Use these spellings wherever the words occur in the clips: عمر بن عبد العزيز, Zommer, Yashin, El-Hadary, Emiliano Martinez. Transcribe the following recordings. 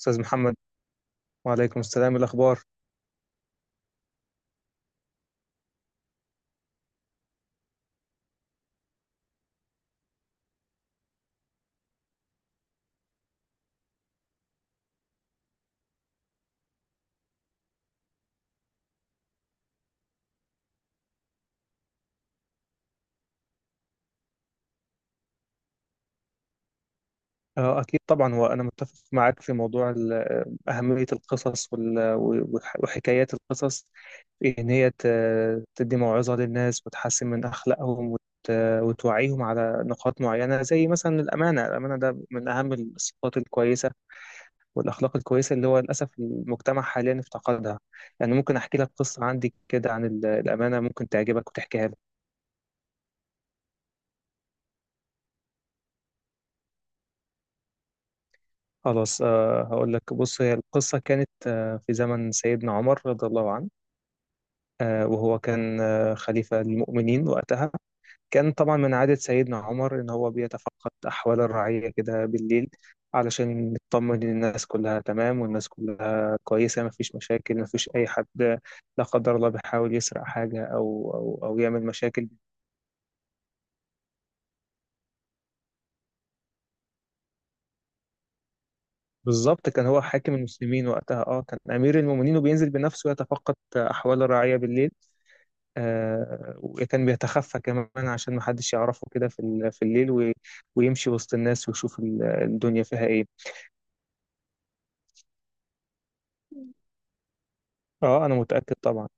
أستاذ محمد. وعليكم السلام. الأخبار؟ أكيد طبعا، هو أنا متفق معاك في موضوع أهمية القصص، وحكايات القصص، في إن هي تدي موعظة للناس وتحسن من أخلاقهم وتوعيهم على نقاط معينة، زي مثلا الأمانة. الأمانة ده من أهم الصفات الكويسة والأخلاق الكويسة اللي هو للأسف المجتمع حاليا افتقدها. يعني ممكن أحكي لك قصة عندي كده عن الأمانة، ممكن تعجبك وتحكيها لك. خلاص. هقول لك، بص، هي القصة كانت في زمن سيدنا عمر رضي الله عنه. وهو كان خليفة للمؤمنين وقتها. كان طبعا من عادة سيدنا عمر إن هو بيتفقد أحوال الرعية كده بالليل، علشان يطمن إن الناس كلها تمام، والناس كلها كويسة، مفيش مشاكل، مفيش أي حد لا قدر الله بيحاول يسرق حاجة أو يعمل مشاكل. بالظبط، كان هو حاكم المسلمين وقتها. كان أمير المؤمنين، وبينزل بنفسه يتفقد أحوال الرعية بالليل. وكان بيتخفى كمان، عشان محدش يعرفه كده في الليل، ويمشي وسط الناس ويشوف الدنيا فيها ايه. اه، انا متأكد طبعا.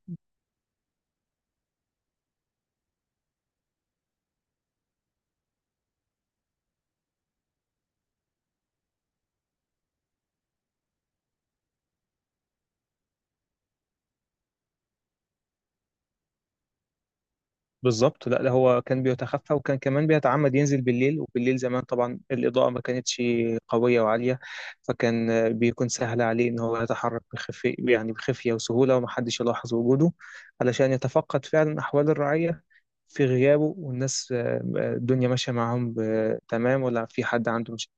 بالظبط. لا، لا، هو كان بيتخفى، وكان كمان بيتعمد ينزل بالليل. وبالليل زمان طبعا الإضاءة ما كانتش قوية وعالية، فكان بيكون سهل عليه ان هو يتحرك بخفي، يعني بخفية وسهولة، ومحدش يلاحظ وجوده، علشان يتفقد فعلا أحوال الرعية في غيابه، والناس الدنيا ماشية معاهم تمام، ولا في حد عنده مشاكل.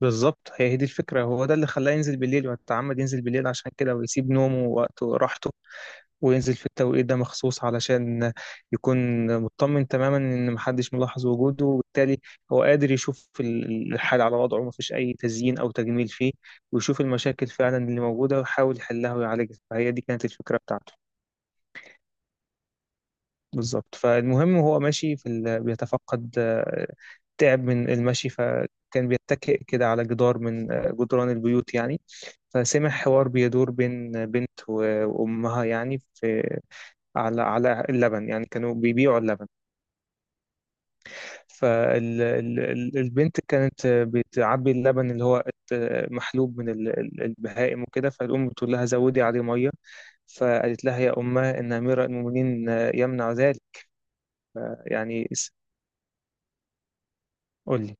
بالظبط، هي دي الفكرة. هو ده اللي خلاه ينزل بالليل، ويتعمد ينزل بالليل عشان كده، ويسيب نومه ووقته وراحته، وينزل في التوقيت ده مخصوص علشان يكون مطمن تماما إن محدش ملاحظ وجوده، وبالتالي هو قادر يشوف الحال على وضعه، مفيش أي تزيين أو تجميل فيه، ويشوف المشاكل فعلا اللي موجودة، ويحاول يحلها ويعالجها. فهي دي كانت الفكرة بتاعته. بالظبط. فالمهم، هو ماشي بيتفقد، تعب من المشي، فكان بيتكئ كده على جدار من جدران البيوت يعني، فسمع حوار بيدور بين بنت وأمها، يعني في، على اللبن، يعني كانوا بيبيعوا اللبن. فالبنت كانت بتعبي اللبن اللي هو محلوب من البهائم وكده، فالأم بتقول لها زودي عليه مية، فقالت لها يا أمه إن أمير المؤمنين يمنع ذلك. يعني قولي.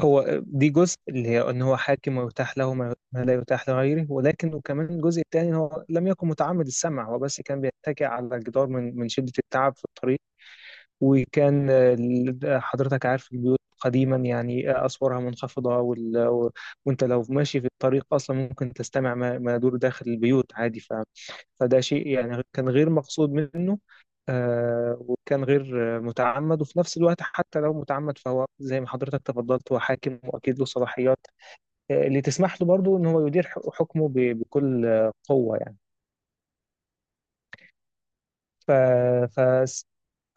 هو دي جزء اللي هي ان هو حاكم ويتاح له ما لا يتاح لغيره، ولكن وكمان الجزء الثاني، هو لم يكن متعمد السمع، هو بس كان بيتكئ على الجدار من شدة التعب في الطريق. وكان حضرتك عارف البيوت قديما يعني أسوارها منخفضة، وأنت لو ماشي في الطريق أصلا، ممكن تستمع ما يدور داخل البيوت عادي. فده شيء يعني كان غير مقصود منه، وكان غير متعمد. وفي نفس الوقت، حتى لو متعمد، فهو زي ما حضرتك تفضلت، هو حاكم وأكيد له صلاحيات اللي تسمح له برضه إن هو يدير حكمه بكل قوة يعني. ف...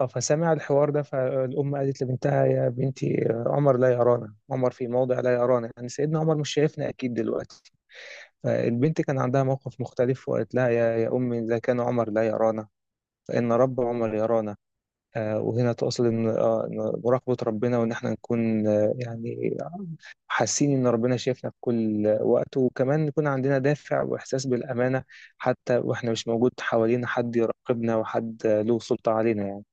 اه فسمع الحوار ده. فالأم قالت لبنتها يا بنتي عمر لا يرانا، عمر في موضع لا يرانا، يعني سيدنا عمر مش شايفنا أكيد دلوقتي. فالبنت كان عندها موقف مختلف، وقالت لها يا أمي، إذا كان عمر لا يرانا، فإن رب عمر يرانا. وهنا تقصد إن، إن مراقبة ربنا، وإن إحنا نكون يعني حاسين إن ربنا شايفنا في كل وقت، وكمان يكون عندنا دافع وإحساس بالأمانة حتى وإحنا مش موجود حوالينا حد يراقبنا وحد له سلطة علينا يعني.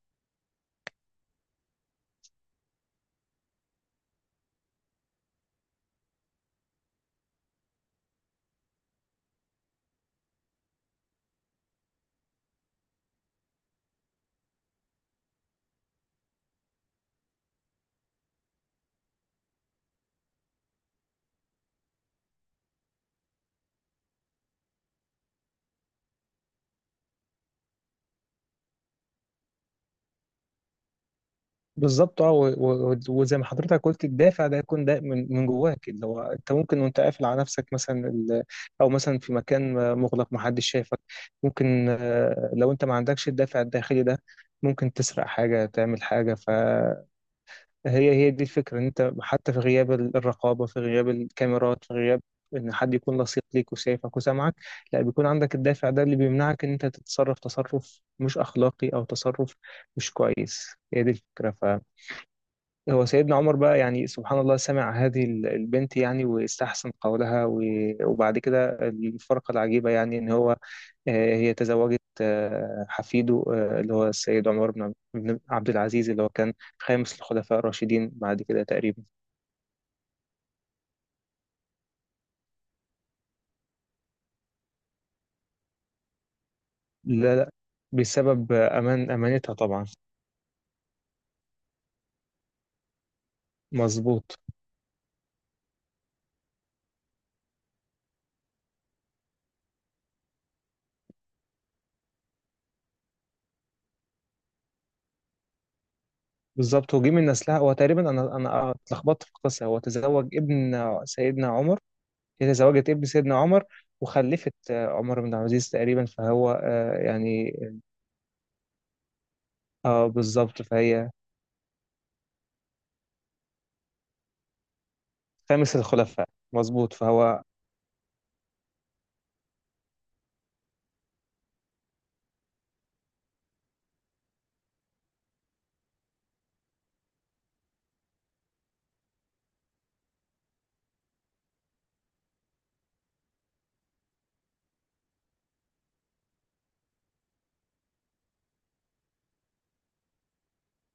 بالظبط. اه، وزي ما حضرتك قلت، الدافع ده يكون ده من جواك، اللي هو انت ممكن وانت قافل على نفسك، مثلا او مثلا في مكان مغلق محدش شايفك، ممكن لو انت ما عندكش الدافع الداخلي ده، ممكن تسرق حاجة، تعمل حاجة. فهي دي الفكرة، ان انت حتى في غياب الرقابة، في غياب الكاميرات، في غياب ان حد يكون لصيق ليك وشايفك وسامعك، لا، بيكون عندك الدافع ده اللي بيمنعك ان انت تتصرف تصرف مش اخلاقي او تصرف مش كويس. هي دي الفكرة. هو سيدنا عمر بقى يعني سبحان الله، سمع هذه البنت يعني، واستحسن قولها، وبعد كده الفرقة العجيبة، يعني إن هو آه، هي تزوجت حفيده، اللي هو السيد عمر بن عبد العزيز، اللي هو كان خامس الخلفاء الراشدين بعد كده تقريبا. لا، لا، بسبب أمانتها طبعا. مظبوط. بالظبط، وجه من نسلها. هو تقريبا، أنا اتلخبطت في القصة، هو تزوج ابن سيدنا عمر. هي تزوجت ابن سيدنا عمر، وخلفت عمر بن عبد العزيز تقريبا، فهو يعني. اه، بالظبط، فهي. خامس الخلفاء. مظبوط، فهو.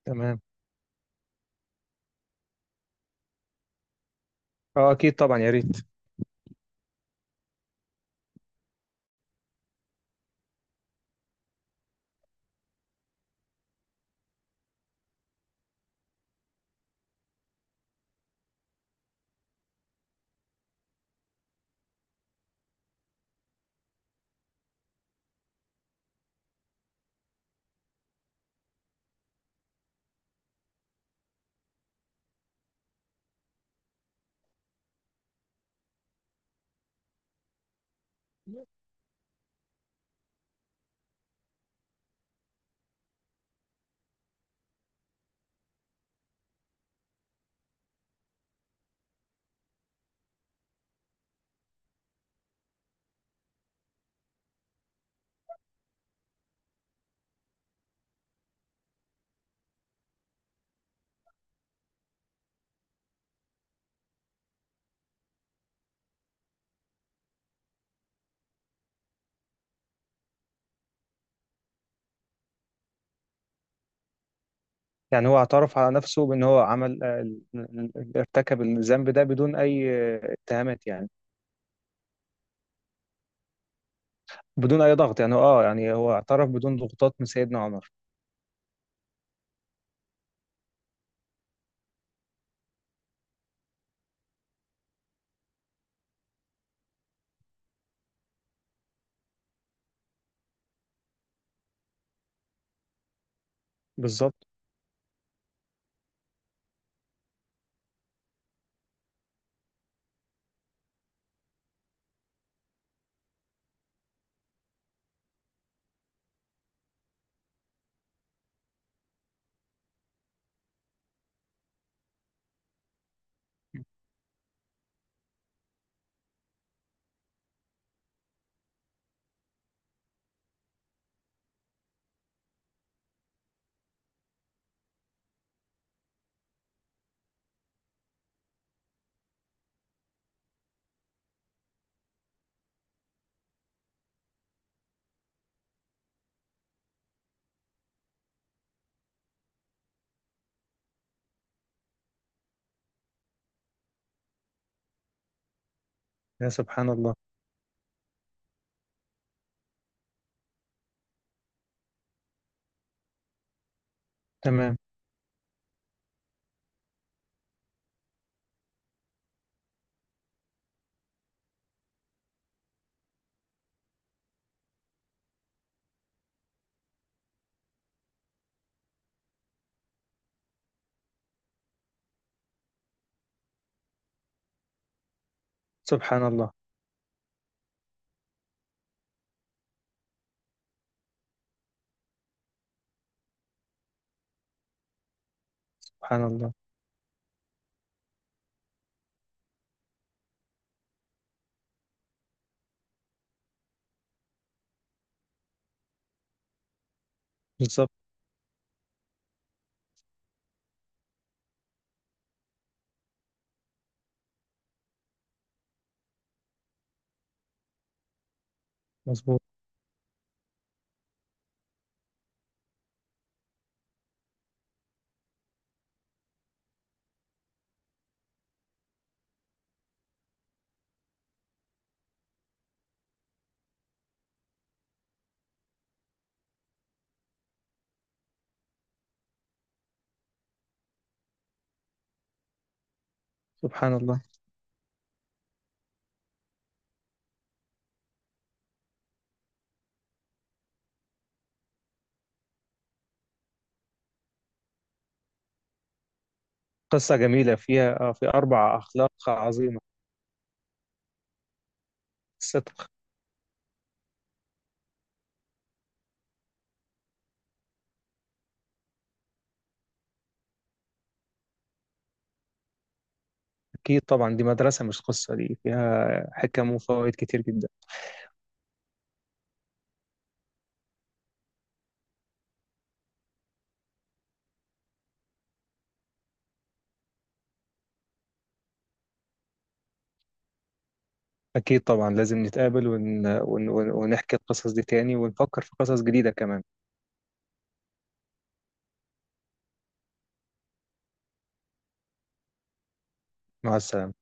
تمام. اه، اكيد طبعا، يا ريت. يعني هو اعترف على نفسه بان هو عمل، ارتكب الذنب ده بدون اي اتهامات يعني. بدون اي ضغط يعني. اه، يعني هو اعترف بدون ضغوطات من سيدنا عمر. بالظبط. يا سبحان الله. تمام. سبحان الله. سبحان الله. بالظبط. مظبوط. سبحان الله. قصة جميلة، فيها في أربع أخلاق عظيمة. صدق. أكيد طبعا، دي مدرسة مش قصة، دي فيها حكم وفوائد كتير جدا. أكيد طبعا، لازم نتقابل ونحكي القصص دي تاني، ونفكر في قصص جديدة كمان. مع السلامة.